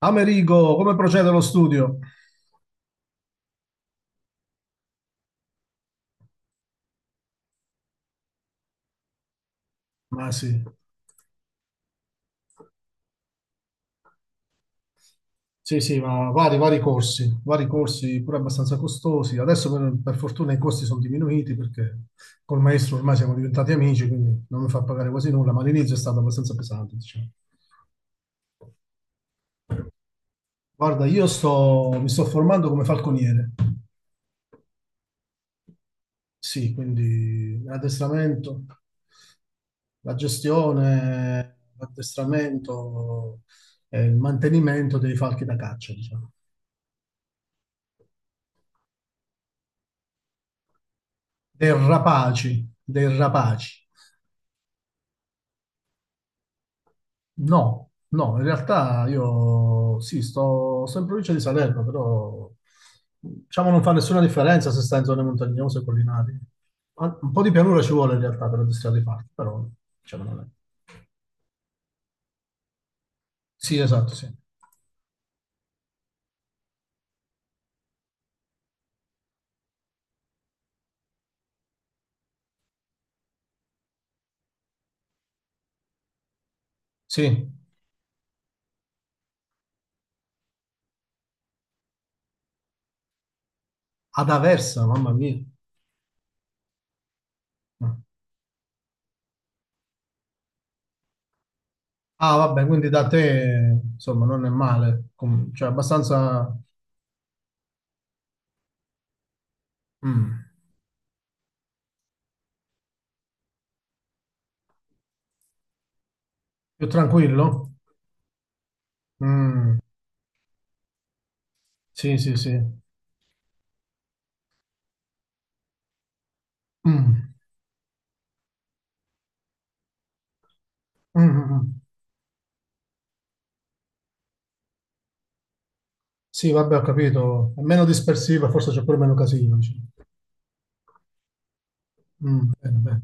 Amerigo, come procede lo studio? Ma sì, sì, sì, ma vari corsi, vari corsi pure abbastanza costosi. Adesso per fortuna i costi sono diminuiti perché col maestro ormai siamo diventati amici, quindi non mi fa pagare quasi nulla, ma all'inizio è stato abbastanza pesante, diciamo. Guarda, mi sto formando come falconiere, sì, quindi l'addestramento, la gestione, l'addestramento e il mantenimento dei falchi da caccia, diciamo. Dei rapaci, dei rapaci. No, no, in realtà io sì, sto in provincia di Salerno, però diciamo non fa nessuna differenza se stai in zone montagnose o collinari. Un po' di pianura ci vuole in realtà per addestrare i fatti, però diciamo non è. Sì, esatto, sì. Sì, ad Aversa, mamma mia. Ah, vabbè, quindi da te, insomma, non è male. Cioè abbastanza mm, più tranquillo. Mm. Sì, sì, sì. Mm. Mm, mm, mm. Sì, vabbè, ho capito. È meno dispersiva, forse c'è pure meno casino, dici. Mm, bene, bene.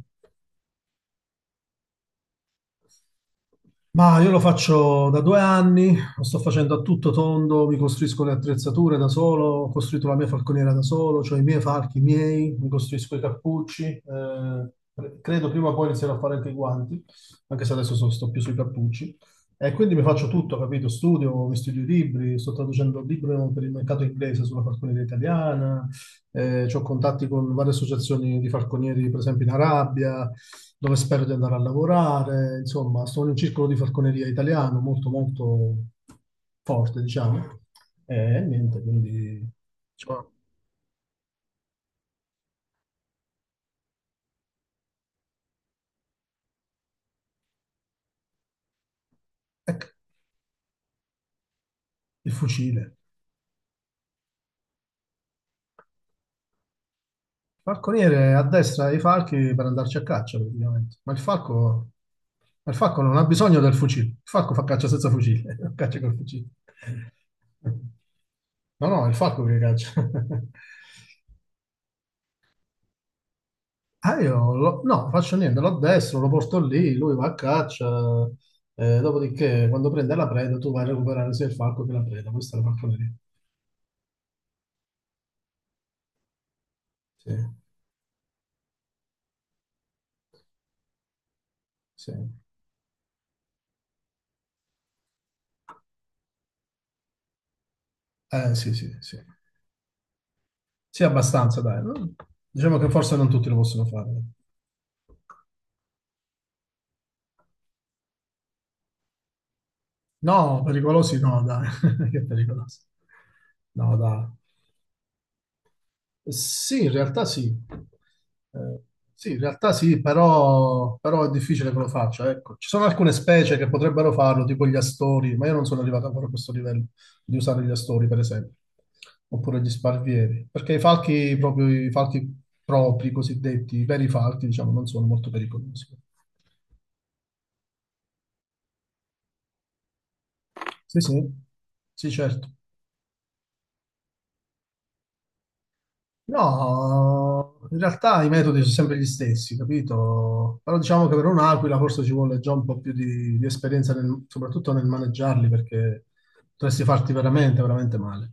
Ma io lo faccio da 2 anni, lo sto facendo a tutto tondo, mi costruisco le attrezzature da solo, ho costruito la mia falconiera da solo, cioè i miei falchi miei, mi costruisco i cappucci, credo prima o poi inizierò a fare anche i guanti, anche se adesso sto più sui cappucci. E quindi mi faccio tutto, capito? Studio, mi studio i libri, sto traducendo il libro per il mercato inglese sulla falconiera italiana, ho contatti con varie associazioni di falconieri, per esempio in Arabia, dove spero di andare a lavorare, insomma, sono in un circolo di falconeria italiano molto molto forte, diciamo, e niente, quindi diciamo, ecco, il fucile. Falconiere a destra dei falchi per andarci a caccia, praticamente, ma il falco non ha bisogno del fucile, il falco fa caccia senza fucile, caccia col fucile. No, no, è il falco che caccia. Ah, no, faccio niente, lo addestro, lo porto lì, lui va a caccia, dopodiché quando prende la preda tu vai a recuperare sia il falco che la preda, questa è la falconeria. Sì, sì. Sì, sì, sì. Sì, abbastanza, dai, no? Diciamo che forse non tutti lo possono fare. No, pericolosi no, dai. Che pericolosi. No, dai. Sì, in realtà sì. Eh, sì, in realtà sì, però è difficile che lo faccia. Ecco. Ci sono alcune specie che potrebbero farlo, tipo gli astori, ma io non sono arrivato ancora a questo livello di usare gli astori, per esempio, oppure gli sparvieri, perché i falchi, proprio i falchi propri, cosiddetti, i veri falchi, diciamo, non sono molto pericolosi. Sì, sì, sì, certo. No, in realtà i metodi sono sempre gli stessi, capito? Però diciamo che per un'aquila forse ci vuole già un po' più di esperienza, soprattutto nel maneggiarli, perché potresti farti veramente, veramente male.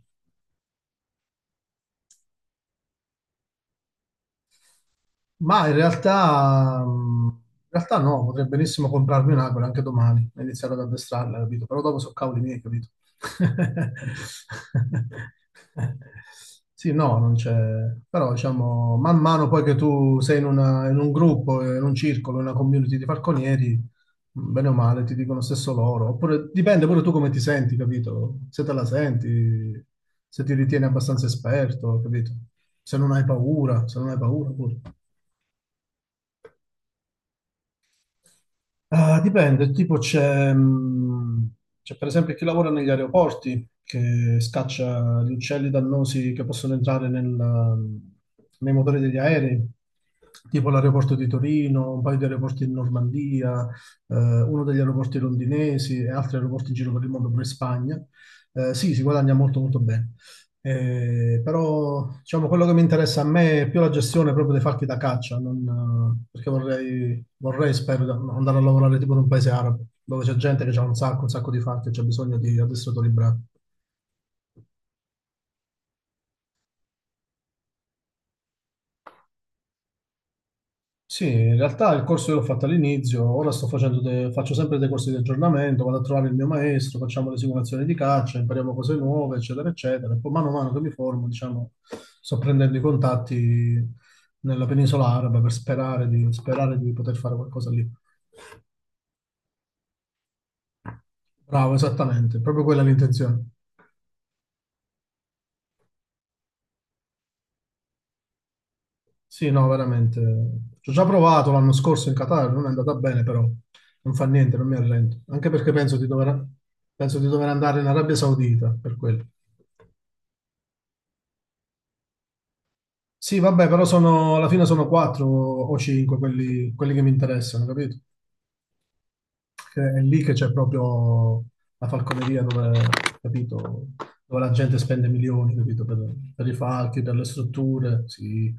Ma in realtà no, potrei benissimo comprarmi un'aquila anche domani e iniziare ad addestrarla, capito? Però dopo sono cavoli miei, capito? Sì, no, non c'è... Però diciamo, man mano poi che tu sei in, in un gruppo, in un circolo, in una community di falconieri, mm, bene o male ti dicono stesso loro. Oppure dipende pure tu come ti senti, capito? Se te la senti, se ti ritieni abbastanza esperto, capito? Se non hai paura, se non hai paura pure. Ah, dipende, tipo c'è per esempio chi lavora negli aeroporti che scaccia gli uccelli dannosi che possono entrare nei motori degli aerei, tipo l'aeroporto di Torino, un paio di aeroporti in Normandia, eh, uno degli aeroporti londinesi e altri aeroporti in giro per il mondo, pure in Spagna. Sì, si guadagna molto molto bene. Però diciamo quello che mi interessa a me è più la gestione proprio dei falchi da caccia, non, perché Vorrei, spero, andare a lavorare tipo in un paese arabo, dove c'è gente che ha un sacco di fatti e c'è bisogno di addestratori bravi. Sì, in realtà il corso che ho fatto all'inizio, ora sto facendo faccio sempre dei corsi di aggiornamento, vado a trovare il mio maestro, facciamo le simulazioni di caccia, impariamo cose nuove, eccetera, eccetera. E poi mano a mano che mi formo, diciamo, sto prendendo i contatti nella penisola araba per sperare di poter fare qualcosa lì. Bravo, esattamente, proprio quella è l'intenzione. Sì, no, veramente. Ci ho già provato l'anno scorso in Qatar, non è andata bene, però non fa niente, non mi arrendo. Anche perché penso di dover andare in Arabia Saudita per quello. Sì, vabbè, però sono, alla fine sono quattro o cinque quelli che mi interessano, capito? Che è lì che c'è proprio la falconeria dove, capito, dove la gente spende milioni, capito, per i falchi, per le strutture, sì,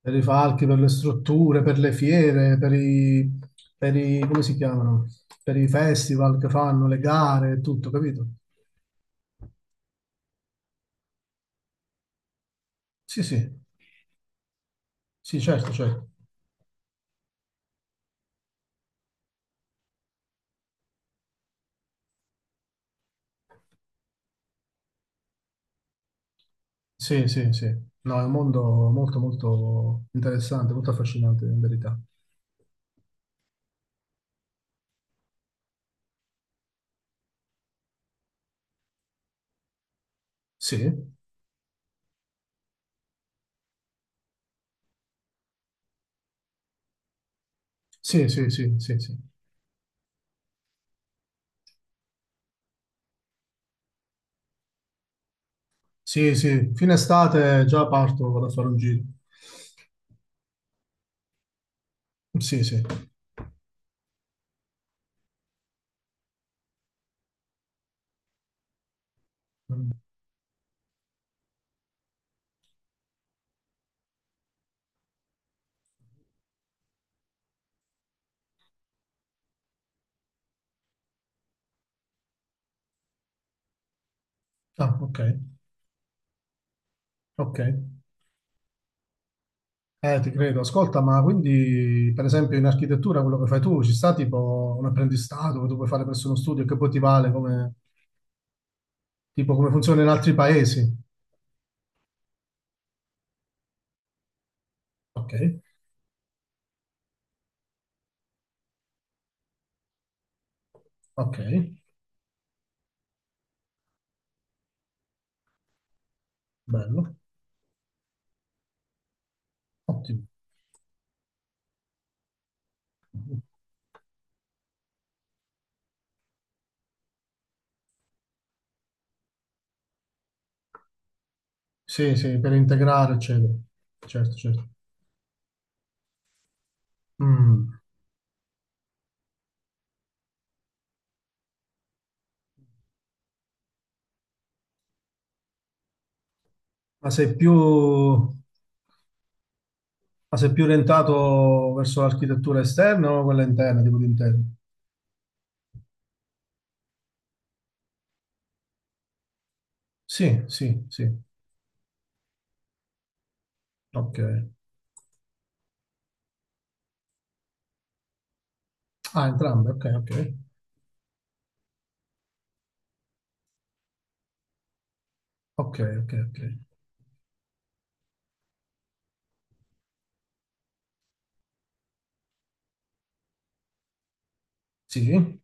per i falchi, per le strutture, per le fiere, come si chiamano? Per i festival che fanno, le gare, tutto, capito? Sì, sì, sì, certo, certo. Sì, sì, sì. No, è un mondo molto, molto interessante, molto affascinante, in verità. Sì, sì, sì, sì, sì, sì. Sì, sì, fine estate già parto, vado a fare un giro. Sì, sì. Mm. Ah, ok, ok. Ti credo. Ascolta, ma quindi, per esempio, in architettura quello che fai tu, ci sta tipo un apprendistato che tu puoi fare presso uno studio e che poi ti vale come, tipo, come funziona in altri paesi? Ok, ok, bello, ottimo. Sì, sì, per integrare, eccetera. Certo, certo. Mm. Ma sei più orientato verso l'architettura esterna o quella interna, tipo di interno? Sì, sì, sì, ok. Ah, entrambe, ok, ok, ok, ok, ok. Sì.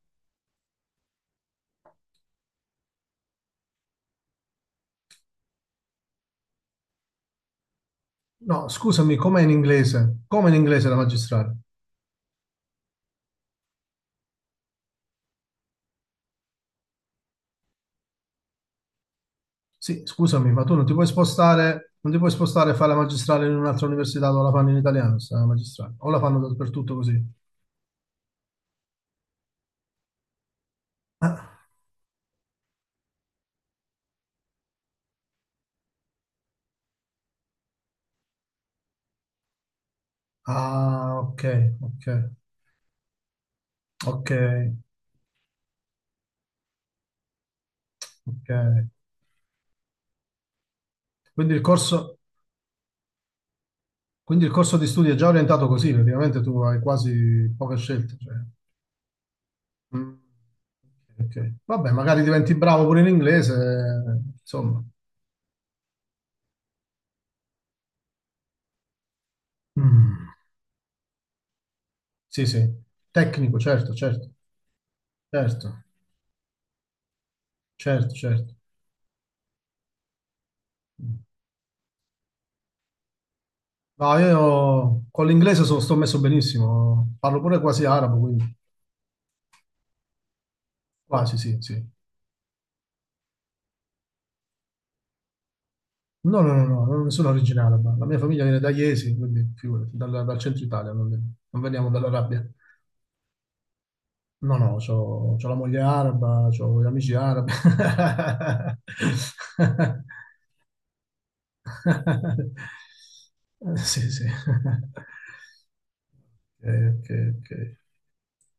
No, scusami, com'è in inglese? Com'è in inglese la magistrale? Sì, scusami, ma tu non ti puoi spostare, non ti puoi spostare e fare la magistrale in un'altra università dove la fanno in italiano, sta magistrale. O la fanno dappertutto così. Ah, ah, ok, ok, ok, ok. Quindi il corso, quindi il corso di studi è già orientato così, praticamente tu hai quasi poche scelte, cioè. Mm. Ok, ok. Vabbè, magari diventi bravo pure in inglese, insomma. Mm. Sì, sì. Tecnico, certo, certo, certo, certo, certo. Mm. No, io con l'inglese sto messo benissimo, parlo pure quasi arabo, quindi quasi, sì, sì. No, no, no, no, non sono originale, ma la mia famiglia viene da Iesi, quindi figurati, dal centro Italia, non veniamo dall'Arabia. No, no, c'ho la moglie araba, c'ho gli amici arabi. Sì, sì. Ok, ok, ok.